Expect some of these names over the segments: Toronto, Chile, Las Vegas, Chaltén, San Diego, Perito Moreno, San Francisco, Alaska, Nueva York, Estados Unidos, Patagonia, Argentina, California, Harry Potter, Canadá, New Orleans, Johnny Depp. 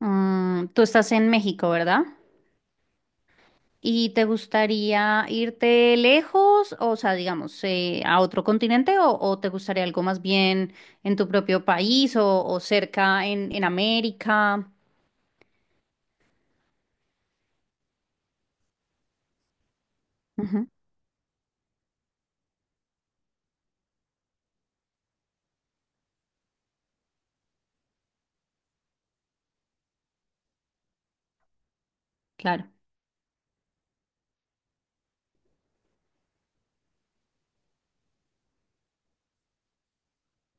Mm, tú estás en México, ¿verdad? ¿Y te gustaría irte lejos, o sea, digamos, a otro continente, o te gustaría algo más bien en tu propio país o cerca en América? Ujú, claro,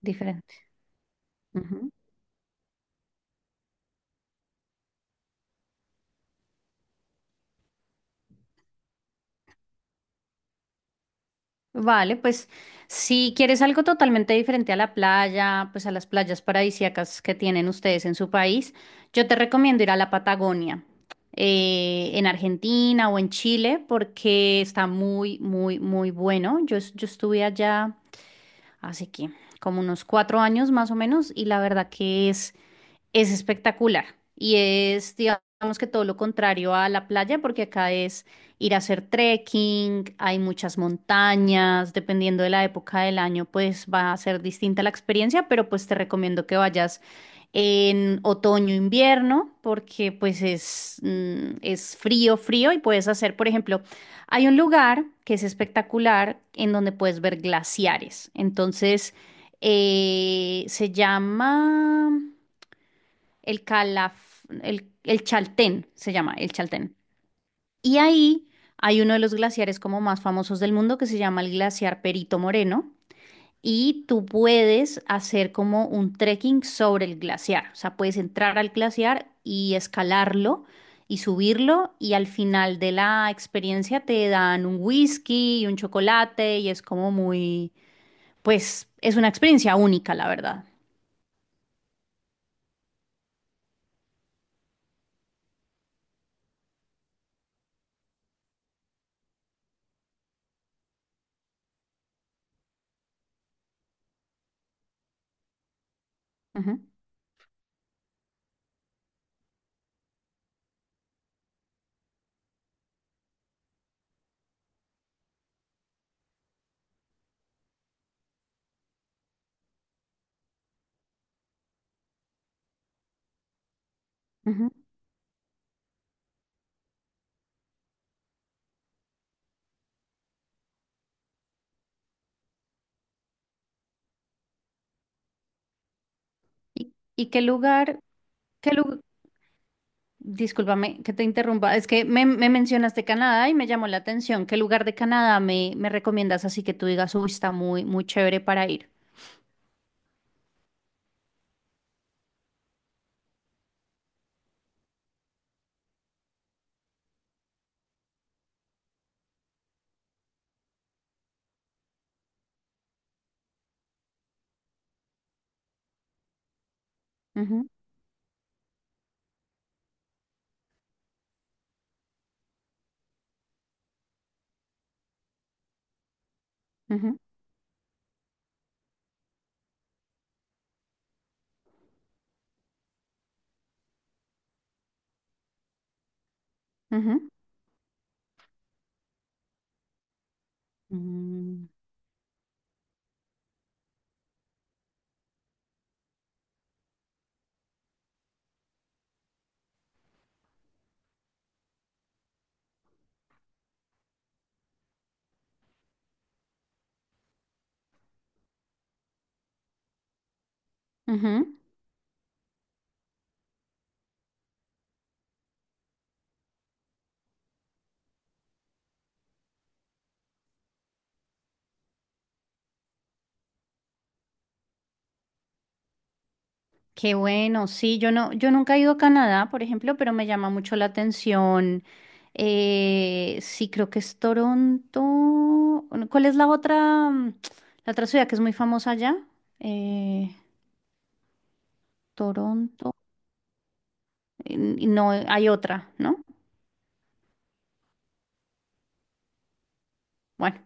diferente. Vale, pues si quieres algo totalmente diferente a la playa, pues a las playas paradisíacas que tienen ustedes en su país, yo te recomiendo ir a la Patagonia, en Argentina o en Chile, porque está muy, muy, muy bueno. Yo estuve allá hace que como unos cuatro años más o menos y la verdad que es espectacular y es, digamos que todo lo contrario a la playa, porque acá es ir a hacer trekking, hay muchas montañas, dependiendo de la época del año, pues va a ser distinta la experiencia, pero pues te recomiendo que vayas en otoño, invierno, porque pues es, es frío, frío y puedes hacer, por ejemplo, hay un lugar que es espectacular en donde puedes ver glaciares. Entonces, se llama el Calaf, el Chaltén se llama, el Chaltén. Y ahí hay uno de los glaciares como más famosos del mundo que se llama el glaciar Perito Moreno. Y tú puedes hacer como un trekking sobre el glaciar. O sea, puedes entrar al glaciar y escalarlo y subirlo. Y al final de la experiencia te dan un whisky y un chocolate. Y es como muy, pues, es una experiencia única, la verdad. Ujú, ujú. ¿Y qué lugar, ¿qué lugar? Discúlpame que te interrumpa, es que me mencionaste Canadá y me llamó la atención. ¿Qué lugar de Canadá me recomiendas así que tú digas, uy, está muy, muy chévere para ir? Ujú, ujú, ujú. Mm, ujú. Qué bueno, sí, yo nunca he ido a Canadá, por ejemplo, pero me llama mucho la atención. Sí, creo que es Toronto. Bueno, ¿cuál es la otra, la otra ciudad que es muy famosa allá? Eh, Toronto. No, hay otra, ¿no? Bueno.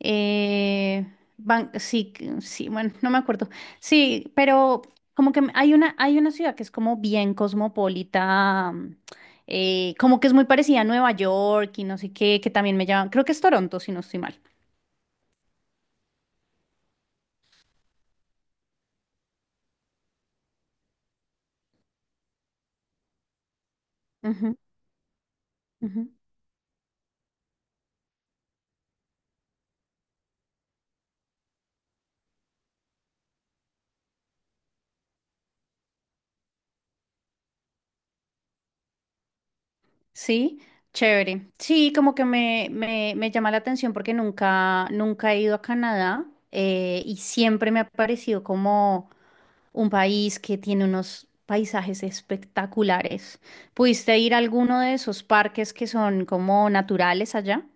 Eh, sí, sí, bueno, no me acuerdo. Sí, pero como que hay una ciudad que es como bien cosmopolita, como que es muy parecida a Nueva York y no sé qué, que también me llaman, creo que es Toronto, si no estoy mal. Ujú, ujú. Sí, chévere. Sí, como que me llama la atención porque nunca, nunca he ido a Canadá y siempre me ha parecido como un país que tiene unos paisajes espectaculares. ¿Pudiste ir a alguno de esos parques que son como naturales allá?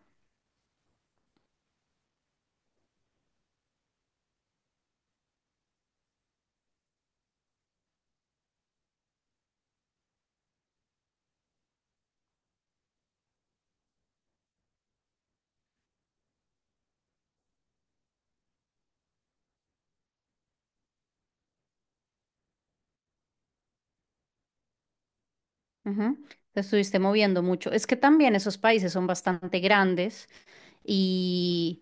Ujú. Te estuviste moviendo mucho. Es que también esos países son bastante grandes y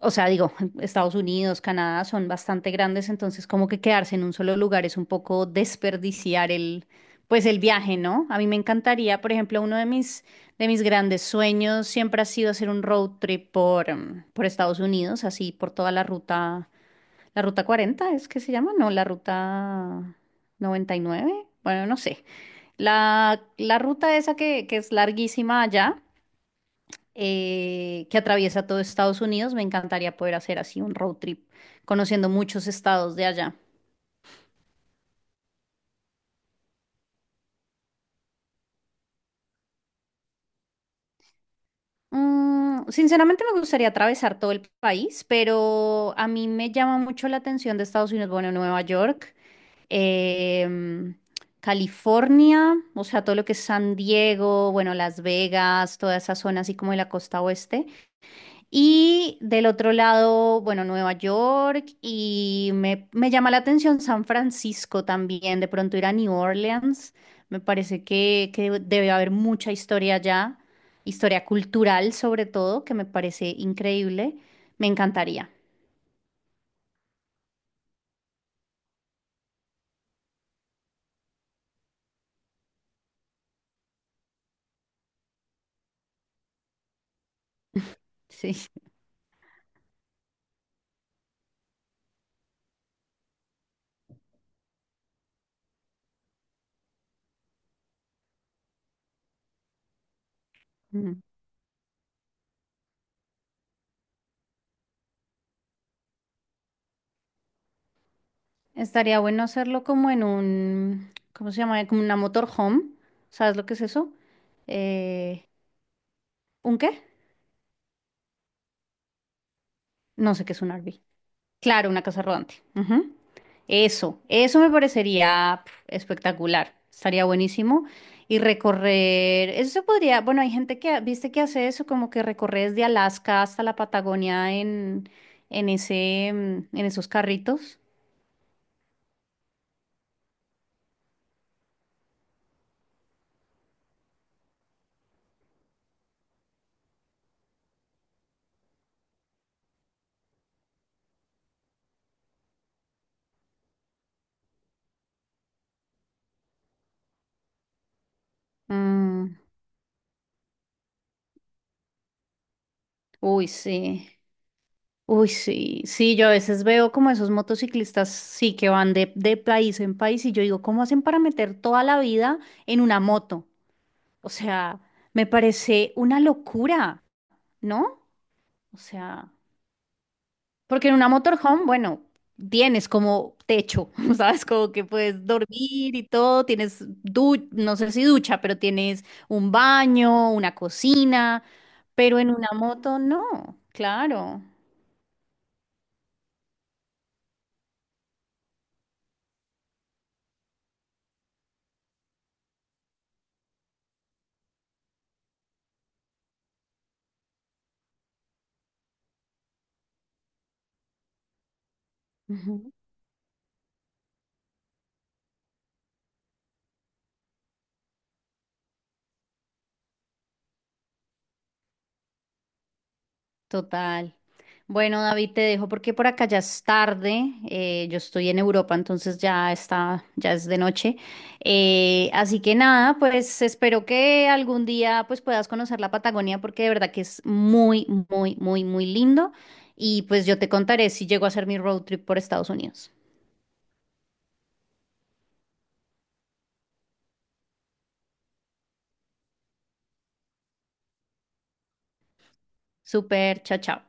o sea, digo, Estados Unidos, Canadá son bastante grandes, entonces como que quedarse en un solo lugar es un poco desperdiciar pues el viaje, ¿no? A mí me encantaría, por ejemplo, uno de mis grandes sueños siempre ha sido hacer un road trip por, por Estados Unidos, así por toda la ruta 40, ¿es que se llama? No, la ruta 99, bueno, no sé. La ruta esa que es larguísima allá que atraviesa todo Estados Unidos. Me encantaría poder hacer así un road trip, conociendo muchos estados de allá. Mm, sinceramente me gustaría atravesar todo el país, pero a mí me llama mucho la atención de Estados Unidos, bueno, Nueva York, em, California, o sea, todo lo que es San Diego, bueno, Las Vegas, toda esa zona así como de la costa oeste. Y del otro lado, bueno, Nueva York y me llama la atención San Francisco también, de pronto ir a New Orleans, me parece que debe haber mucha historia allá, historia cultural sobre todo, que me parece increíble, me encantaría, sí. Mm. Estaría bueno hacerlo como en un, ¿cómo se llama? Como una motorhome, ¿sabes lo que es eso? Eh, ¿Un qué? No sé qué es un RV. Claro, una casa rodante. Ujú. Eso me parecería pf, espectacular. Estaría buenísimo. Y recorrer, eso se podría, bueno, hay gente que, viste que hace eso, como que recorre desde Alaska hasta la Patagonia en ese, en esos carritos. Mm, uy, sí. Uy, sí. Sí, yo a veces veo como esos motociclistas, sí, que van de país en país y yo digo, ¿cómo hacen para meter toda la vida en una moto? O sea, me parece una locura, ¿no? O sea, porque en una motorhome, bueno, tienes como techo, ¿sabes? Como que puedes dormir y todo, tienes no sé si ducha, pero tienes un baño, una cocina, pero en una moto no, claro. Ujú. Total. Bueno, David, te dejo porque por acá ya es tarde. Yo estoy en Europa, entonces ya está, ya es de noche. Así que nada, pues espero que algún día pues puedas conocer la Patagonia porque de verdad que es muy, muy, muy, muy lindo. Y pues yo te contaré si llego a hacer mi road trip por Estados Unidos. Súper, chao, chao.